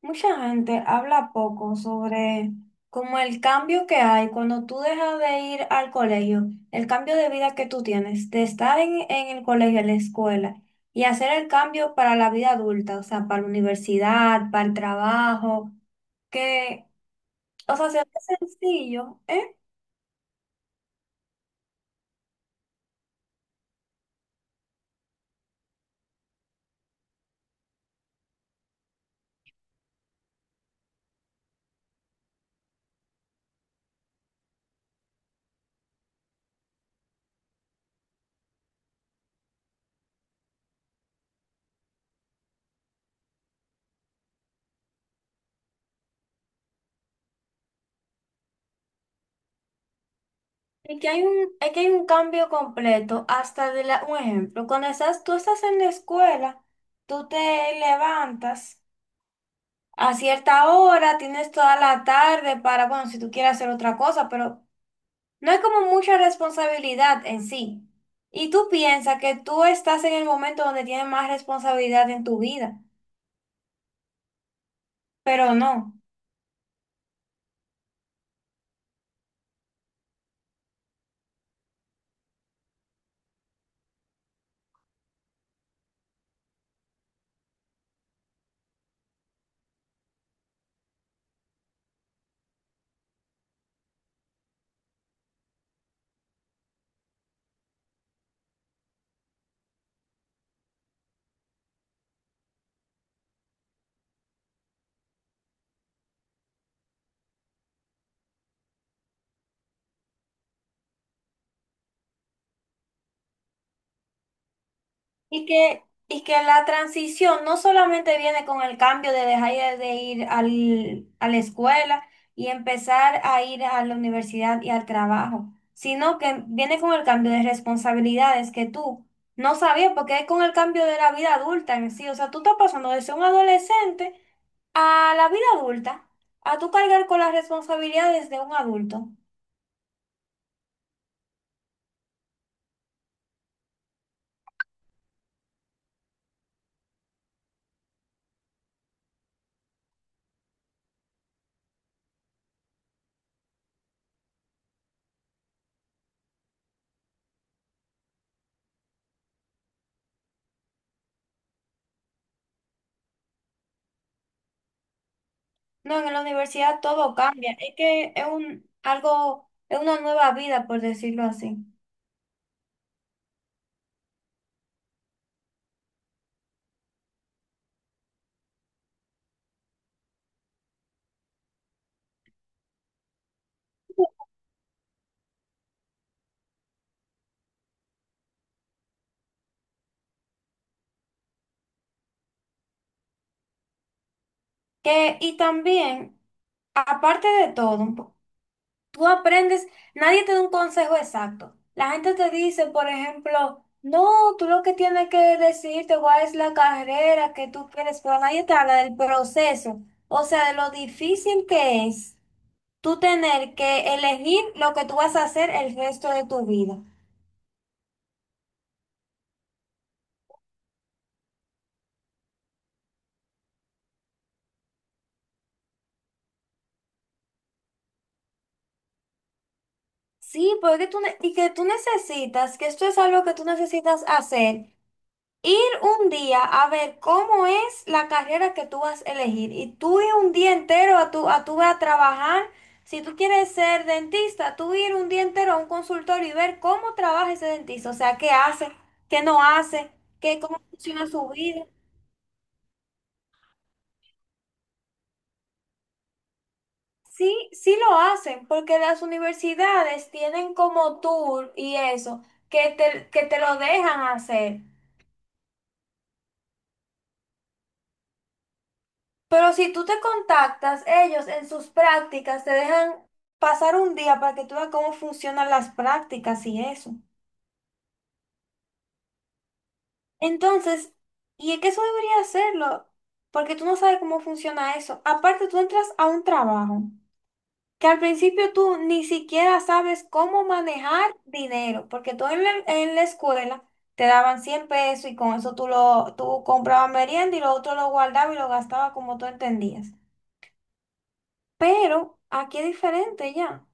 Mucha gente habla poco sobre como el cambio que hay cuando tú dejas de ir al colegio, el cambio de vida que tú tienes, de estar en el colegio, en la escuela, y hacer el cambio para la vida adulta, o sea, para la universidad, para el trabajo, que, o sea, se ve sencillo, ¿eh? Y que hay un, es que hay un cambio completo, hasta de la, un ejemplo, cuando estás, tú estás en la escuela, tú te levantas a cierta hora, tienes toda la tarde para, bueno, si tú quieres hacer otra cosa, pero no hay como mucha responsabilidad en sí. Y tú piensas que tú estás en el momento donde tienes más responsabilidad en tu vida, pero no. Y que la transición no solamente viene con el cambio de dejar de ir al, a la escuela y empezar a ir a la universidad y al trabajo, sino que viene con el cambio de responsabilidades que tú no sabías, porque es con el cambio de la vida adulta en sí. O sea, tú estás pasando de ser un adolescente a la vida adulta, a tú cargar con las responsabilidades de un adulto. No, en la universidad todo cambia. Es que es un, algo, es una nueva vida, por decirlo así. Que, y también, aparte de todo, un po- tú aprendes, nadie te da un consejo exacto. La gente te dice, por ejemplo, no, tú lo que tienes que decirte cuál es la carrera que tú quieres, pero nadie te habla del proceso, o sea, de lo difícil que es tú tener que elegir lo que tú vas a hacer el resto de tu vida. Sí, porque tú ne- y que tú necesitas, que esto es algo que tú necesitas hacer. Ir un día a ver cómo es la carrera que tú vas a elegir y tú ir un día entero a tu, a trabajar. Si tú quieres ser dentista, tú ir un día entero a un consultorio y ver cómo trabaja ese dentista, o sea, qué hace, qué no hace, qué, cómo funciona su vida. Sí, sí lo hacen, porque las universidades tienen como tour y eso, que te lo dejan hacer. Pero si tú te contactas, ellos en sus prácticas te dejan pasar un día para que tú veas cómo funcionan las prácticas y eso. Entonces, y es que eso debería hacerlo, porque tú no sabes cómo funciona eso. Aparte, tú entras a un trabajo que al principio tú ni siquiera sabes cómo manejar dinero, porque tú en la escuela te daban 100 pesos y con eso tú, lo, tú comprabas merienda y lo otro lo guardabas y lo gastabas como tú entendías. Pero aquí es diferente ya.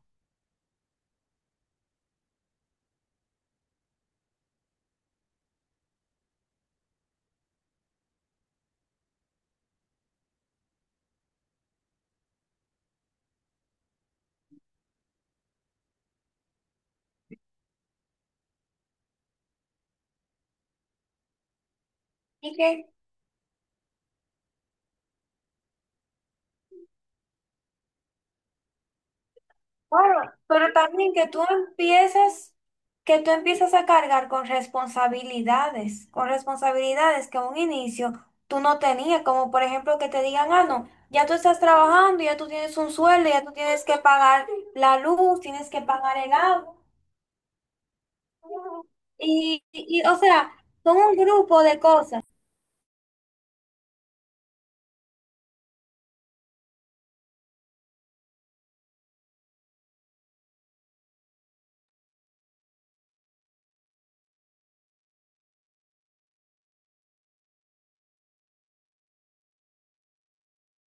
Y que, claro, pero también que tú empiezas a cargar con responsabilidades que a un inicio tú no tenías, como por ejemplo que te digan, ah, no, ya tú estás trabajando, ya tú tienes un sueldo, ya tú tienes que pagar la luz, tienes que pagar el agua. Y o sea, son un grupo de cosas.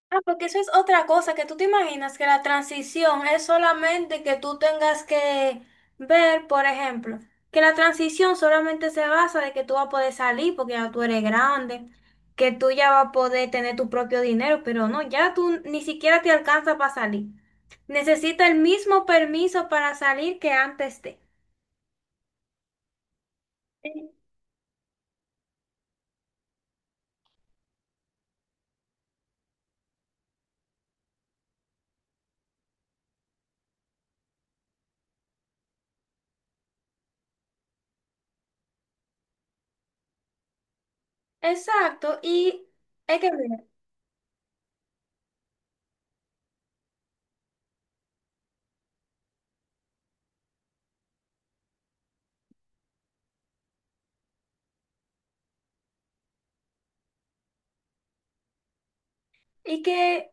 Ah, porque eso es otra cosa, que tú te imaginas que la transición es solamente que tú tengas que ver, por ejemplo, que la transición solamente se basa de que tú vas a poder salir porque ya tú eres grande, que tú ya vas a poder tener tu propio dinero, pero no, ya tú ni siquiera te alcanza para salir. Necesita el mismo permiso para salir que antes de. Exacto, y es que mira, y que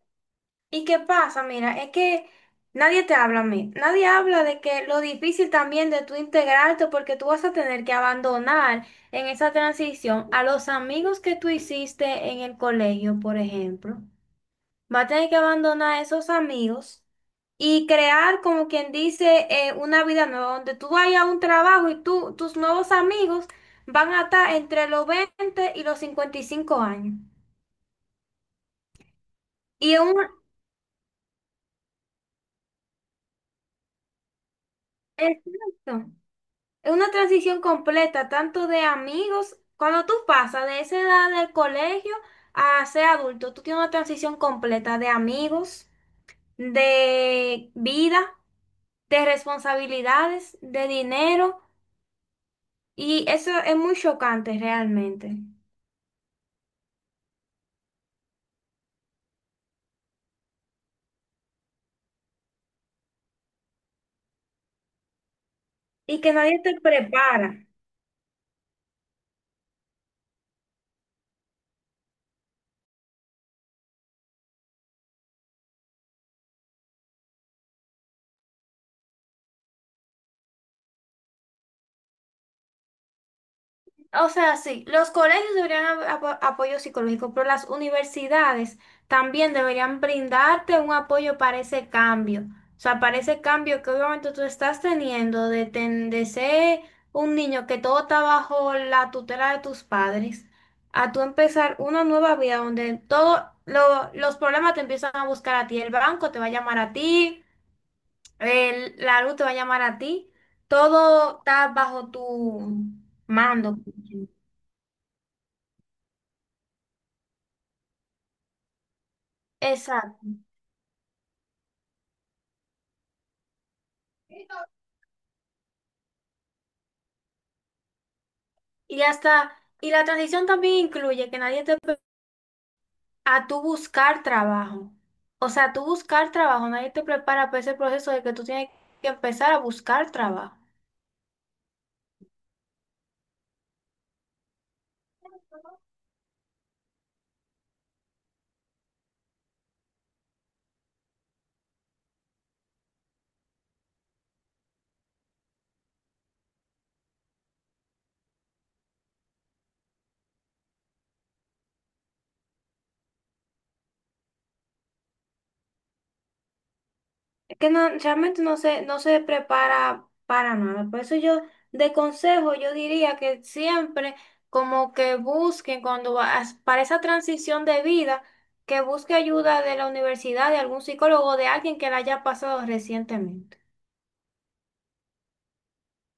¿y qué pasa? Mira, es que nadie te habla a mí. Nadie habla de que lo difícil también de tú integrarte porque tú vas a tener que abandonar en esa transición a los amigos que tú hiciste en el colegio, por ejemplo. Vas a tener que abandonar a esos amigos y crear, como quien dice, una vida nueva donde tú vayas a un trabajo y tú, tus nuevos amigos van a estar entre los 20 y los 55 años. Y un... Exacto. Es una transición completa, tanto de amigos, cuando tú pasas de esa edad del colegio a ser adulto, tú tienes una transición completa de amigos, de vida, de responsabilidades, de dinero, y eso es muy chocante realmente. Y que nadie te prepara. O sea, sí, los colegios deberían ab- apo- apoyo psicológico, pero las universidades también deberían brindarte un apoyo para ese cambio. O sea, para ese cambio que obviamente tú estás teniendo de, ten- de ser un niño que todo está bajo la tutela de tus padres, a tú empezar una nueva vida donde todos los problemas te empiezan a buscar a ti. El banco te va a llamar a ti, el- la luz te va a llamar a ti. Todo está bajo tu mando. Exacto. Y hasta, y la transición también incluye que nadie te pre- a tú buscar trabajo. O sea, tú buscar trabajo, nadie te prepara para ese proceso de que tú tienes que empezar a buscar trabajo. Es que no, realmente no se, no se prepara para nada. Por eso yo, de consejo, yo diría que siempre como que busquen cuando vas para esa transición de vida, que busque ayuda de la universidad, de algún psicólogo, de alguien que la haya pasado recientemente.